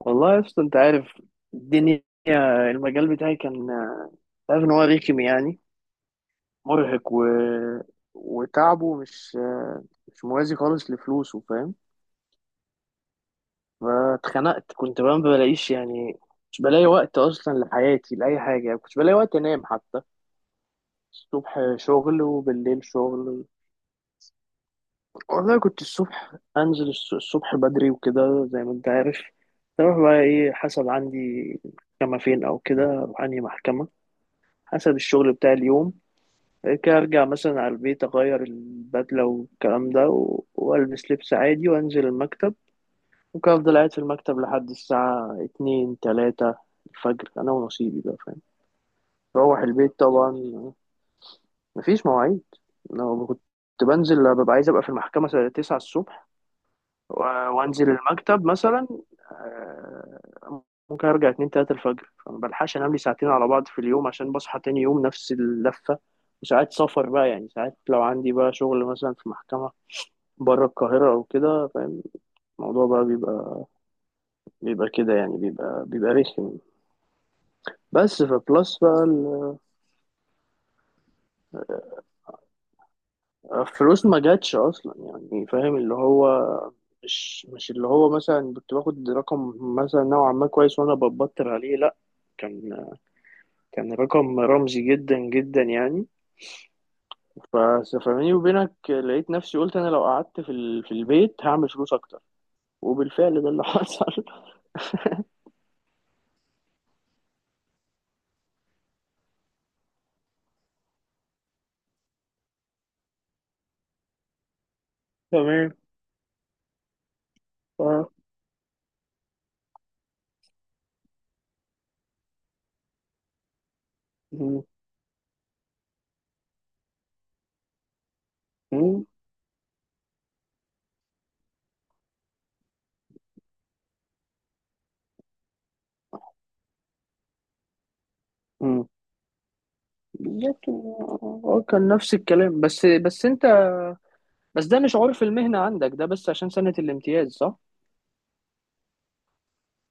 والله يا اسطى، انت عارف الدنيا. المجال بتاعي، كان انت عارف ان هو رخم، يعني مرهق وتعبه مش موازي خالص لفلوسه، فاهم؟ فاتخنقت، كنت بقى ما بلاقيش، يعني مش بلاقي وقت اصلا لحياتي لاي حاجه. يعني كنت بلاقي وقت انام حتى؟ الصبح شغل وبالليل شغل. والله كنت الصبح انزل الصبح بدري وكده، زي ما انت عارف. اروح بقى ايه، حسب عندي محكمه فين او كده، أروح انهي محكمه حسب الشغل بتاع اليوم. بعد كده ارجع مثلا على البيت، اغير البدله والكلام ده والبس لبس عادي وانزل المكتب. ممكن افضل قاعد في المكتب لحد الساعه اتنين تلاتة الفجر، انا ونصيبي بقى، فاهم؟ روح البيت طبعا، مفيش مواعيد. لو كنت بنزل ببقى عايز ابقى في المحكمه الساعه 9 الصبح، وانزل المكتب مثلا. آه، ممكن ارجع اتنين تلاتة الفجر، فما بلحقش انام لي ساعتين على بعض في اليوم، عشان بصحى تاني يوم نفس اللفة. وساعات سفر بقى، يعني ساعات لو عندي بقى شغل مثلا في محكمة بره القاهرة أو كده، فاهم؟ الموضوع بقى بيبقى كده، يعني بيبقى رخم. بس فبلس بقى الفلوس ما جاتش أصلا، يعني فاهم اللي هو. مش اللي هو مثلا كنت باخد رقم مثلا نوعا ما كويس وأنا ببطر عليه، لأ. كان كان رقم رمزي جدا جدا، يعني. ف- فبيني وبينك، لقيت نفسي قلت انا لو قعدت في في البيت هعمل فلوس اكتر. وبالفعل ده اللي حصل. تمام. اه. م-. م-. م. بالظبط. اه، كان نفس الكلام، بس انت، بس ده مش عرف المهنة عندك ده، بس عشان سنة الامتياز، صح؟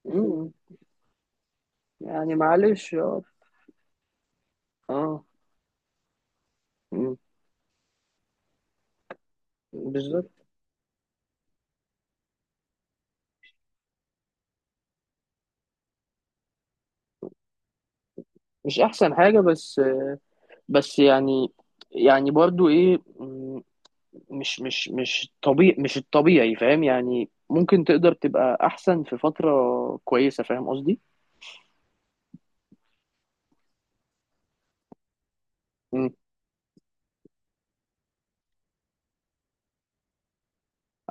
م-. يعني معلش. اه. اه. م. بالظبط. مش احسن حاجة، بس يعني، يعني برضو ايه؟ مش طبيعي، مش الطبيعي، فاهم؟ يعني ممكن تقدر تبقى احسن في فترة كويسة، فاهم قصدي؟ مم.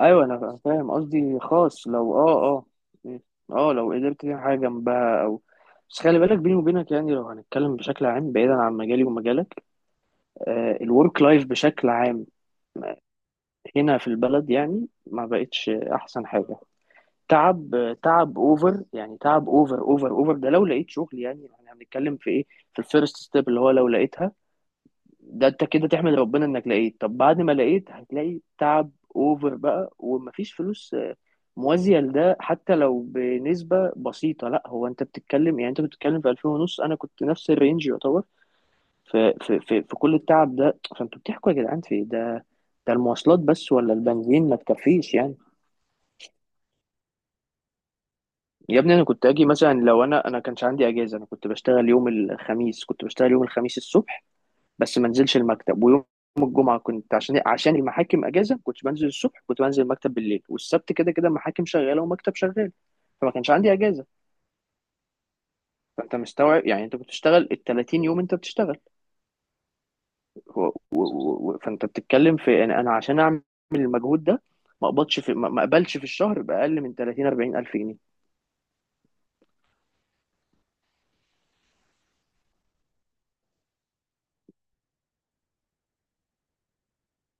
ايوه، انا فاهم قصدي، خاص لو، اه. اه. مم. اه، لو قدرت تعمل حاجة جنبها او... بس خلي بالك بيني وبينك، يعني لو هنتكلم بشكل عام بعيدا عن مجالي ومجالك. آه، الورك لايف بشكل عام هنا في البلد، يعني ما بقتش احسن حاجة. تعب، تعب اوفر، يعني تعب اوفر اوفر اوفر. ده لو لقيت شغل، يعني احنا هنتكلم في ايه؟ في الفيرست ستيب، اللي هو لو لقيتها ده انت كده تحمد ربنا انك لقيت. طب بعد ما لقيت، هتلاقي تعب اوفر بقى ومفيش فلوس آه، موازية لده، حتى لو بنسبة بسيطة. لا، هو انت بتتكلم، يعني انت بتتكلم في 2000 ونص، انا كنت نفس الرينج يعتبر. في كل التعب ده، فانتوا بتحكوا يا جدعان في إيه؟ ده ده المواصلات بس ولا البنزين ما تكفيش، يعني. يا ابني، انا كنت اجي مثلا لو انا كانش عندي اجازة، انا كنت بشتغل يوم الخميس. كنت بشتغل يوم الخميس الصبح بس ما انزلش المكتب، ويوم الجمعه كنت عشان إيه؟ عشان المحاكم اجازه ما كنتش بنزل الصبح، كنت بنزل المكتب بالليل. والسبت كده كده محاكم شغاله ومكتب شغال، فما كانش عندي اجازه. فانت مستوعب يعني، انت بتشتغل ال 30 يوم انت بتشتغل. و... و... فانت بتتكلم في، انا عشان اعمل المجهود ده ما اقبضش في، ما اقبلش في الشهر باقل من 30-40 ألف جنيه.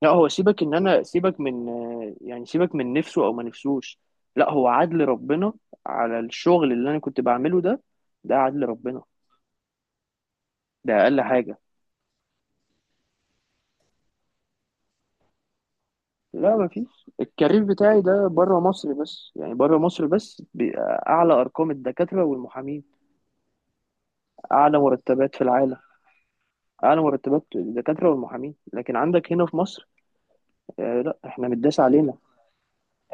لا، هو سيبك ان انا، سيبك من، يعني سيبك من نفسه او ما نفسوش، لا هو عدل ربنا على الشغل اللي انا كنت بعمله ده. ده عدل ربنا، ده اقل حاجه. لا، مفيش، الكارير بتاعي ده بره مصر بس، يعني بره مصر بس اعلى ارقام الدكاتره والمحامين، اعلى مرتبات في العالم. اعلى مرتبات الدكاتره والمحامين، لكن عندك هنا في مصر، آه لا احنا متداس علينا.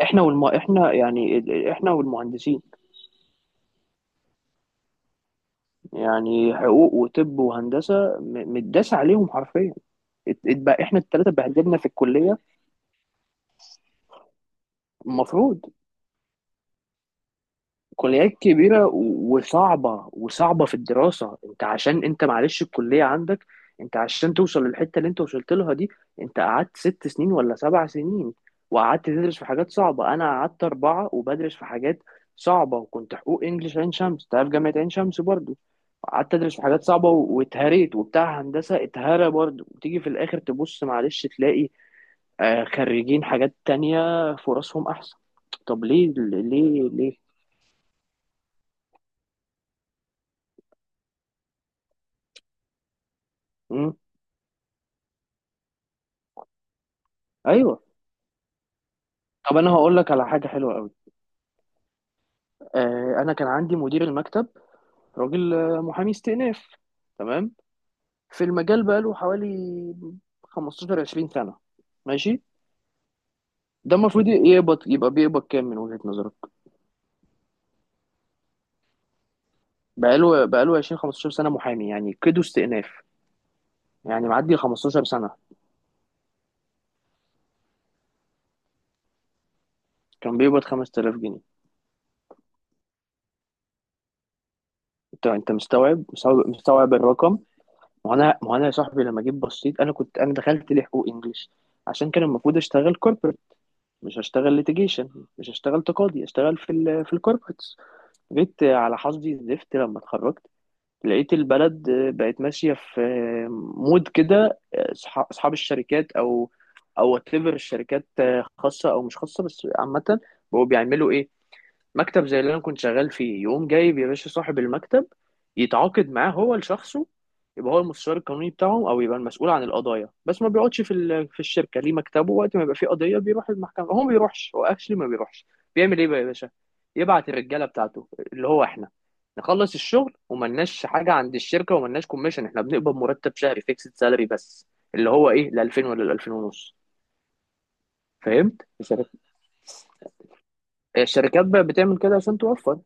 احنا يعني احنا والمهندسين، يعني حقوق وطب وهندسه، متداس عليهم حرفيا. اتبقى احنا الثلاثه بهدلنا في الكليه. المفروض كليات كبيرة وصعبة في الدراسة. انت عشان انت معلش الكلية عندك، انت عشان توصل للحتة اللي انت وصلت لها دي، انت قعدت ست سنين ولا سبع سنين وقعدت تدرس في حاجات صعبة. انا قعدت اربعة وبدرس في حاجات صعبة، وكنت حقوق انجليش عين شمس، تعرف جامعة عين شمس برضو. قعدت ادرس في حاجات صعبة واتهريت. وبتاع هندسة اتهرى برضو، وتيجي في الاخر تبص معلش تلاقي آه، خريجين حاجات تانية فرصهم احسن، طب ليه ليه ليه؟ مم. ايوه، طب انا هقول لك على حاجه حلوه قوي. آه، انا كان عندي مدير المكتب، راجل آه، محامي استئناف، تمام؟ في المجال بقاله حوالي 15-20 سنة، ماشي. ده المفروض يقبض، يبقى بيقبض كام من وجهه نظرك؟ بقاله 20 15 سنه محامي، يعني كده استئناف، يعني معدي 15 سنه. كان بيقبض 5000 جنيه. انت مستوعب، مستوعب مستوعب الرقم؟ ما انا يا صاحبي، لما جيت بصيت، انا كنت، انا دخلت لحقوق انجليش عشان كان المفروض اشتغل corporate، مش هشتغل ليتيجيشن، مش هشتغل تقاضي، هشتغل في ال، في الكوربريتس. جيت على حظي زفت لما اتخرجت، لقيت البلد بقت ماشيه في مود كده. اصحاب الشركات او وات ايفر، الشركات خاصه او مش خاصه، بس عامه، بقوا بيعملوا ايه؟ مكتب زي اللي انا كنت شغال فيه، يقوم جايب يا باشا صاحب المكتب يتعاقد معاه هو لشخصه. يبقى هو المستشار القانوني بتاعهم، او يبقى المسؤول عن القضايا، بس ما بيقعدش في في الشركه، ليه مكتبه. وقت ما يبقى فيه قضيه بيروح المحكمه، هو ما بيروحش، هو اكشلي ما بيروحش. بيعمل ايه بقى يا باشا؟ يبعت الرجاله بتاعته اللي هو احنا، نخلص الشغل. وملناش حاجه عند الشركه، وملناش كوميشن. احنا بنقبض مرتب شهري، فيكسد سالري بس، اللي هو ايه؟ ال 2000 ولا ال 2000 ونص. فهمت؟ الشركات، الشركات بقى بتعمل كده عشان توفر.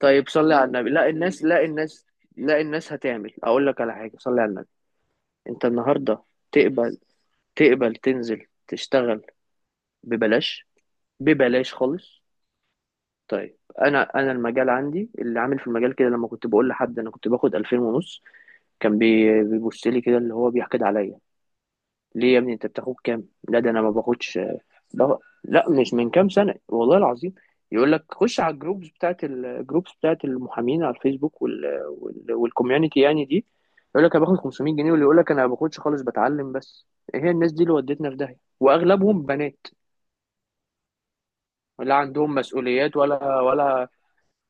طيب صلي على النبي. لا الناس، لا الناس، لا الناس هتعمل، اقول لك على حاجه، صلي على النبي. انت النهارده تقبل، تقبل تنزل تشتغل ببلاش، ببلاش خالص؟ طيب انا المجال عندي اللي عامل في المجال كده، لما كنت بقول لحد انا كنت باخد 2000 ونص، كان بيبص لي كده اللي هو بيحقد عليا. ليه يا ابني، انت بتاخد كام؟ لا ده انا ما باخدش. لا، لا مش من كام سنة، والله العظيم. يقول لك خش على الجروبز بتاعت، الجروبز بتاعت المحامين على الفيسبوك، وال والكوميونتي يعني دي، يقول لك انا باخد 500 جنيه. واللي يقول لك انا ما باخدش خالص، بتعلم بس. إيه هي الناس دي اللي ودتنا في داهية؟ واغلبهم بنات، لا عندهم مسؤوليات ولا،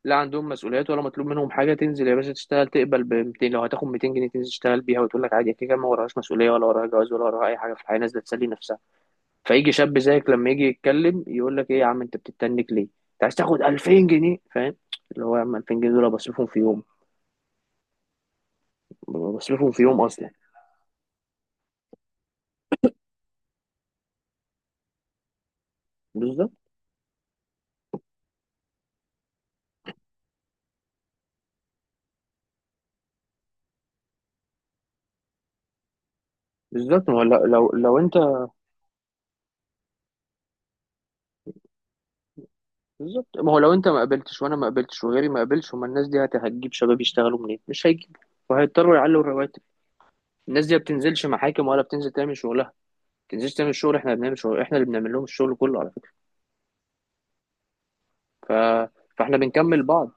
لا عندهم مسؤوليات ولا مطلوب منهم حاجة. تنزل يا باشا تشتغل، تقبل ب 200، لو هتاخد 200 جنيه تنزل تشتغل بيها، وتقول لك عادي، كده كده ما وراهاش مسؤولية ولا وراها جواز ولا وراها اي حاجة في الحياة، نازلة تسلي نفسها. فيجي شاب زيك لما يجي يتكلم، يقول لك ايه يا عم انت بتتنك ليه؟ انت عايز تاخد 2000 جنيه، فاهم؟ اللي هو يا عم، 2000 جنيه دول أنا بصرفهم في يوم، بصرفهم في يوم اصلا. بالظبط، بالظبط. ما هو لو انت، بالظبط، ما هو لو انت ما قابلتش وانا ما قابلتش وغيري ما قابلش، هما الناس دي هتجيب شباب يشتغلوا منين؟ مش هيجيبوا، وهيضطروا يعلوا الرواتب. الناس دي ما بتنزلش محاكم، ولا بتنزل تعمل شغلها، ما بتنزلش تعمل شغل. احنا اللي بنعمل شغل، احنا اللي بنعمل لهم الشغل كله، على فكره. ف... فاحنا بنكمل بعض.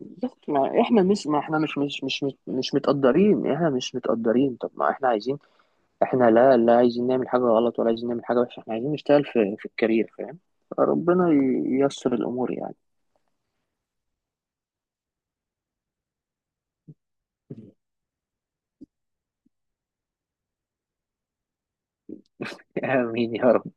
بس ما احنا مش، ما احنا مش متقدرين، احنا مش متقدرين. طب ما احنا عايزين، احنا لا، لا عايزين نعمل حاجة غلط، ولا عايزين نعمل حاجة وحشة، احنا عايزين نشتغل في، الكارير، فاهم؟ ربنا ييسر الأمور يعني. آمين يا رب.